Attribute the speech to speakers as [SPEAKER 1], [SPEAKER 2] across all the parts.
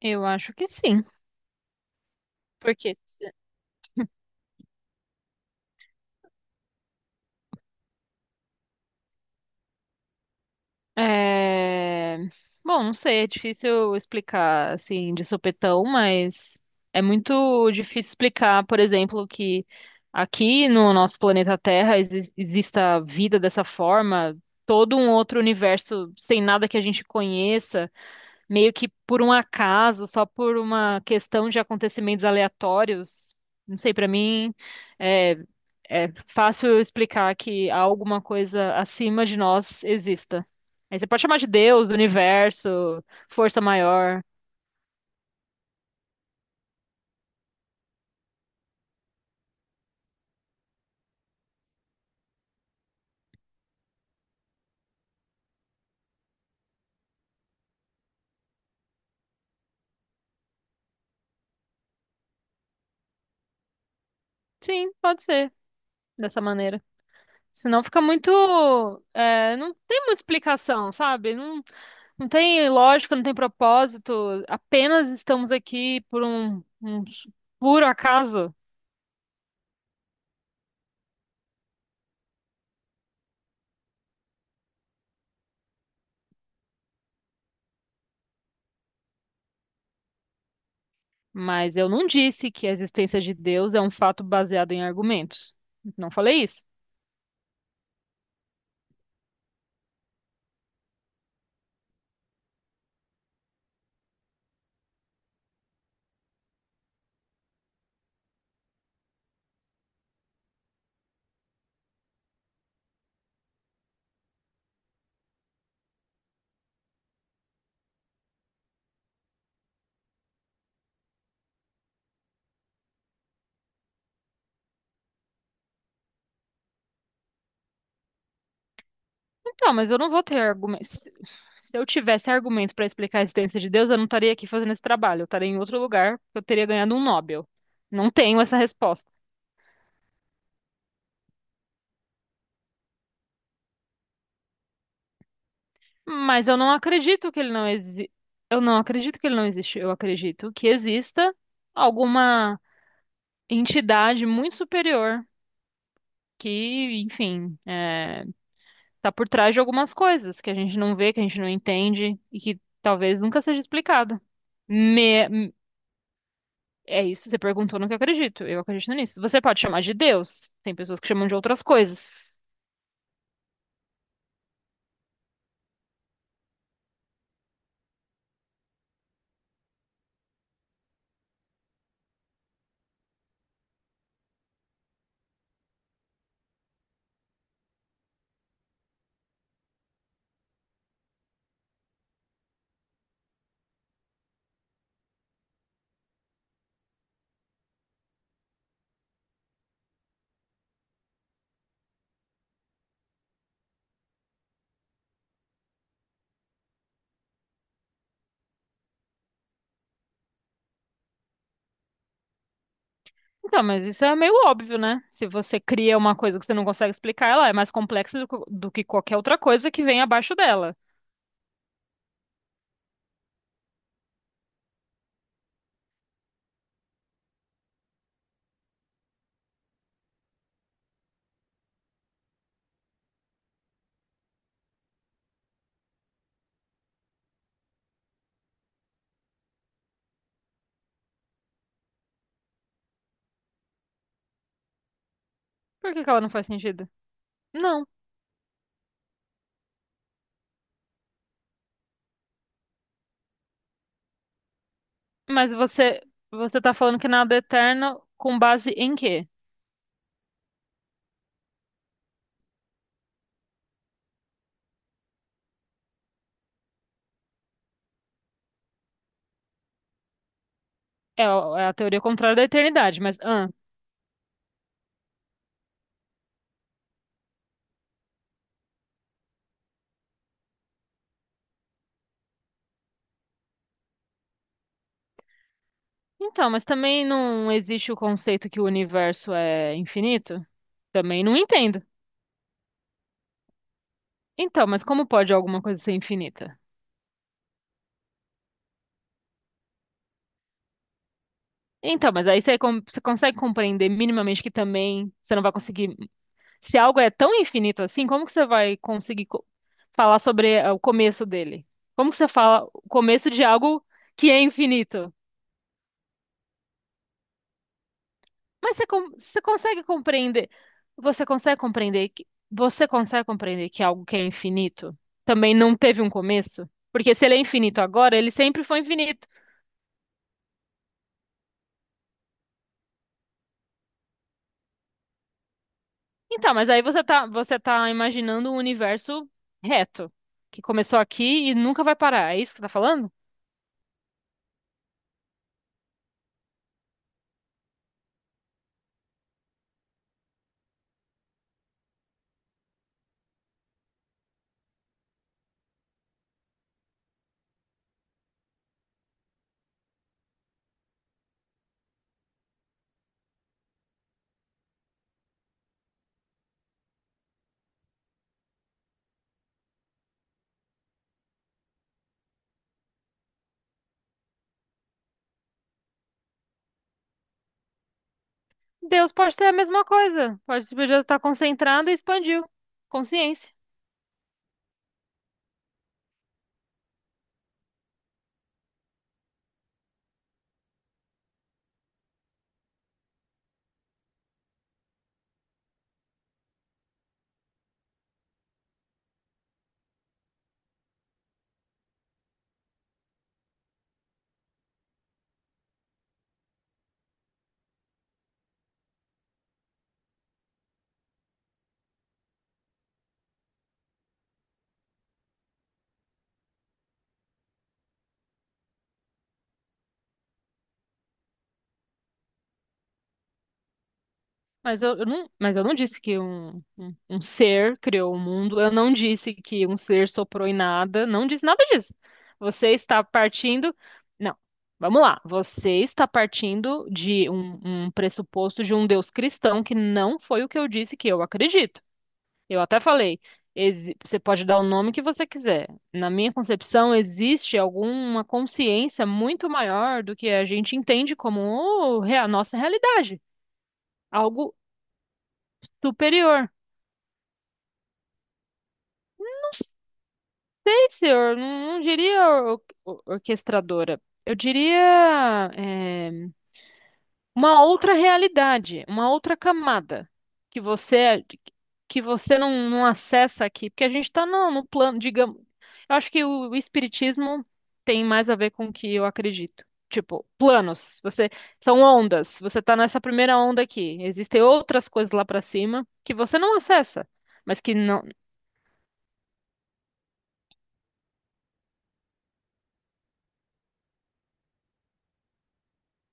[SPEAKER 1] Eu acho que sim, porque é... bom, não sei, é difícil explicar assim de sopetão, mas é muito difícil explicar, por exemplo, que aqui no nosso planeta Terra exista vida dessa forma, todo um outro universo sem nada que a gente conheça, meio que por um acaso, só por uma questão de acontecimentos aleatórios. Não sei, para mim é, é fácil eu explicar que há alguma coisa acima de nós exista. Aí você pode chamar de Deus, universo, força maior. Sim, pode ser dessa maneira. Senão fica muito. É, não tem muita explicação, sabe? Não, não tem lógica, não tem propósito. Apenas estamos aqui por um puro acaso. Mas eu não disse que a existência de Deus é um fato baseado em argumentos. Não falei isso. Então, mas eu não vou ter argumentos. Se eu tivesse argumento para explicar a existência de Deus, eu não estaria aqui fazendo esse trabalho. Eu estaria em outro lugar, porque eu teria ganhado um Nobel. Não tenho essa resposta. Mas eu não acredito que ele não eu não acredito que ele não existe. Eu acredito que exista alguma entidade muito superior que, enfim, tá por trás de algumas coisas que a gente não vê, que a gente não entende e que talvez nunca seja explicado. Me- É isso, você perguntou no que eu acredito. Eu acredito nisso. Você pode chamar de Deus. Tem pessoas que chamam de outras coisas. Então, mas isso é meio óbvio, né? Se você cria uma coisa que você não consegue explicar, ela é mais complexa do que qualquer outra coisa que vem abaixo dela. Por que que ela não faz sentido? Não. Mas você tá falando que nada é eterno com base em quê? É a teoria contrária da eternidade, mas Então, mas também não existe o conceito que o universo é infinito? Também não entendo. Então, mas como pode alguma coisa ser infinita? Então, mas aí você consegue compreender minimamente que também você não vai conseguir. Se algo é tão infinito assim, como que você vai conseguir falar sobre o começo dele? Como que você fala o começo de algo que é infinito? Mas você consegue compreender? Você consegue compreender que é algo que é infinito também não teve um começo? Porque se ele é infinito agora, ele sempre foi infinito. Então, mas você tá imaginando um universo reto, que começou aqui e nunca vai parar. É isso que você tá falando? Deus pode ser a mesma coisa. Pode estar concentrado e expandiu. Consciência. Mas eu não, mas eu não disse que um ser criou o mundo, eu não disse que um ser soprou em nada, não disse nada disso. Você está partindo. Não, vamos lá. Você está partindo de um pressuposto de um Deus cristão que não foi o que eu disse que eu acredito. Eu até falei, você pode dar o nome que você quiser. Na minha concepção, existe alguma consciência muito maior do que a gente entende como oh, é a nossa realidade, algo superior. Sei se eu não, não diria orquestradora. Eu diria uma outra realidade, uma outra camada que você que você não, não acessa aqui, porque a gente está no, no plano, digamos. Eu acho que o espiritismo tem mais a ver com o que eu acredito. Tipo, planos. Você são ondas. Você está nessa primeira onda aqui. Existem outras coisas lá para cima que você não acessa, mas que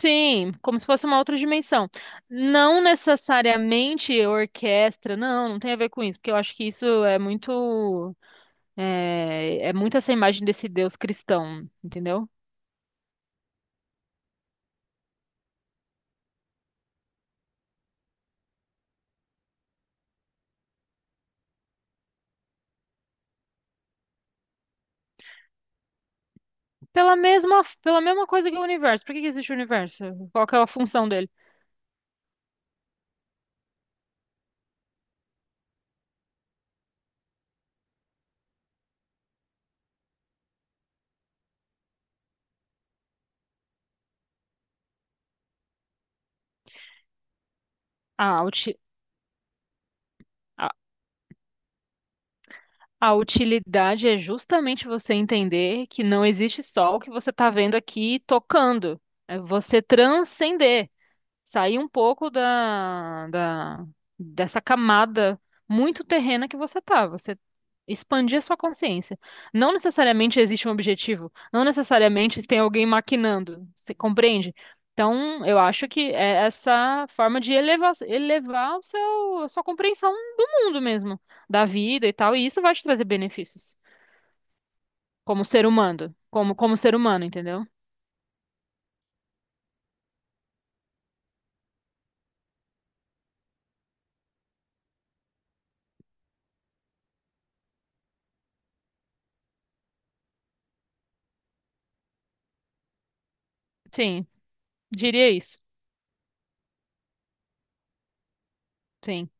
[SPEAKER 1] sim, como se fosse uma outra dimensão. Não necessariamente orquestra, não, não tem a ver com isso, porque eu acho que isso é muito, é muito essa imagem desse Deus cristão, entendeu? Pela mesma coisa que o universo. Por que que existe o universo? Qual que é a função dele? A, uti- a, a utilidade é justamente você entender que não existe só o que você está vendo aqui tocando. É você transcender. Sair um pouco dessa camada muito terrena que você tá. Você expandir a sua consciência. Não necessariamente existe um objetivo, não necessariamente tem alguém maquinando, você compreende? Então, eu acho que é essa forma de elevar, elevar a sua compreensão do mundo mesmo, da vida e tal, e isso vai te trazer benefícios como ser humano, como ser humano, entendeu? Sim, diria isso. Sim.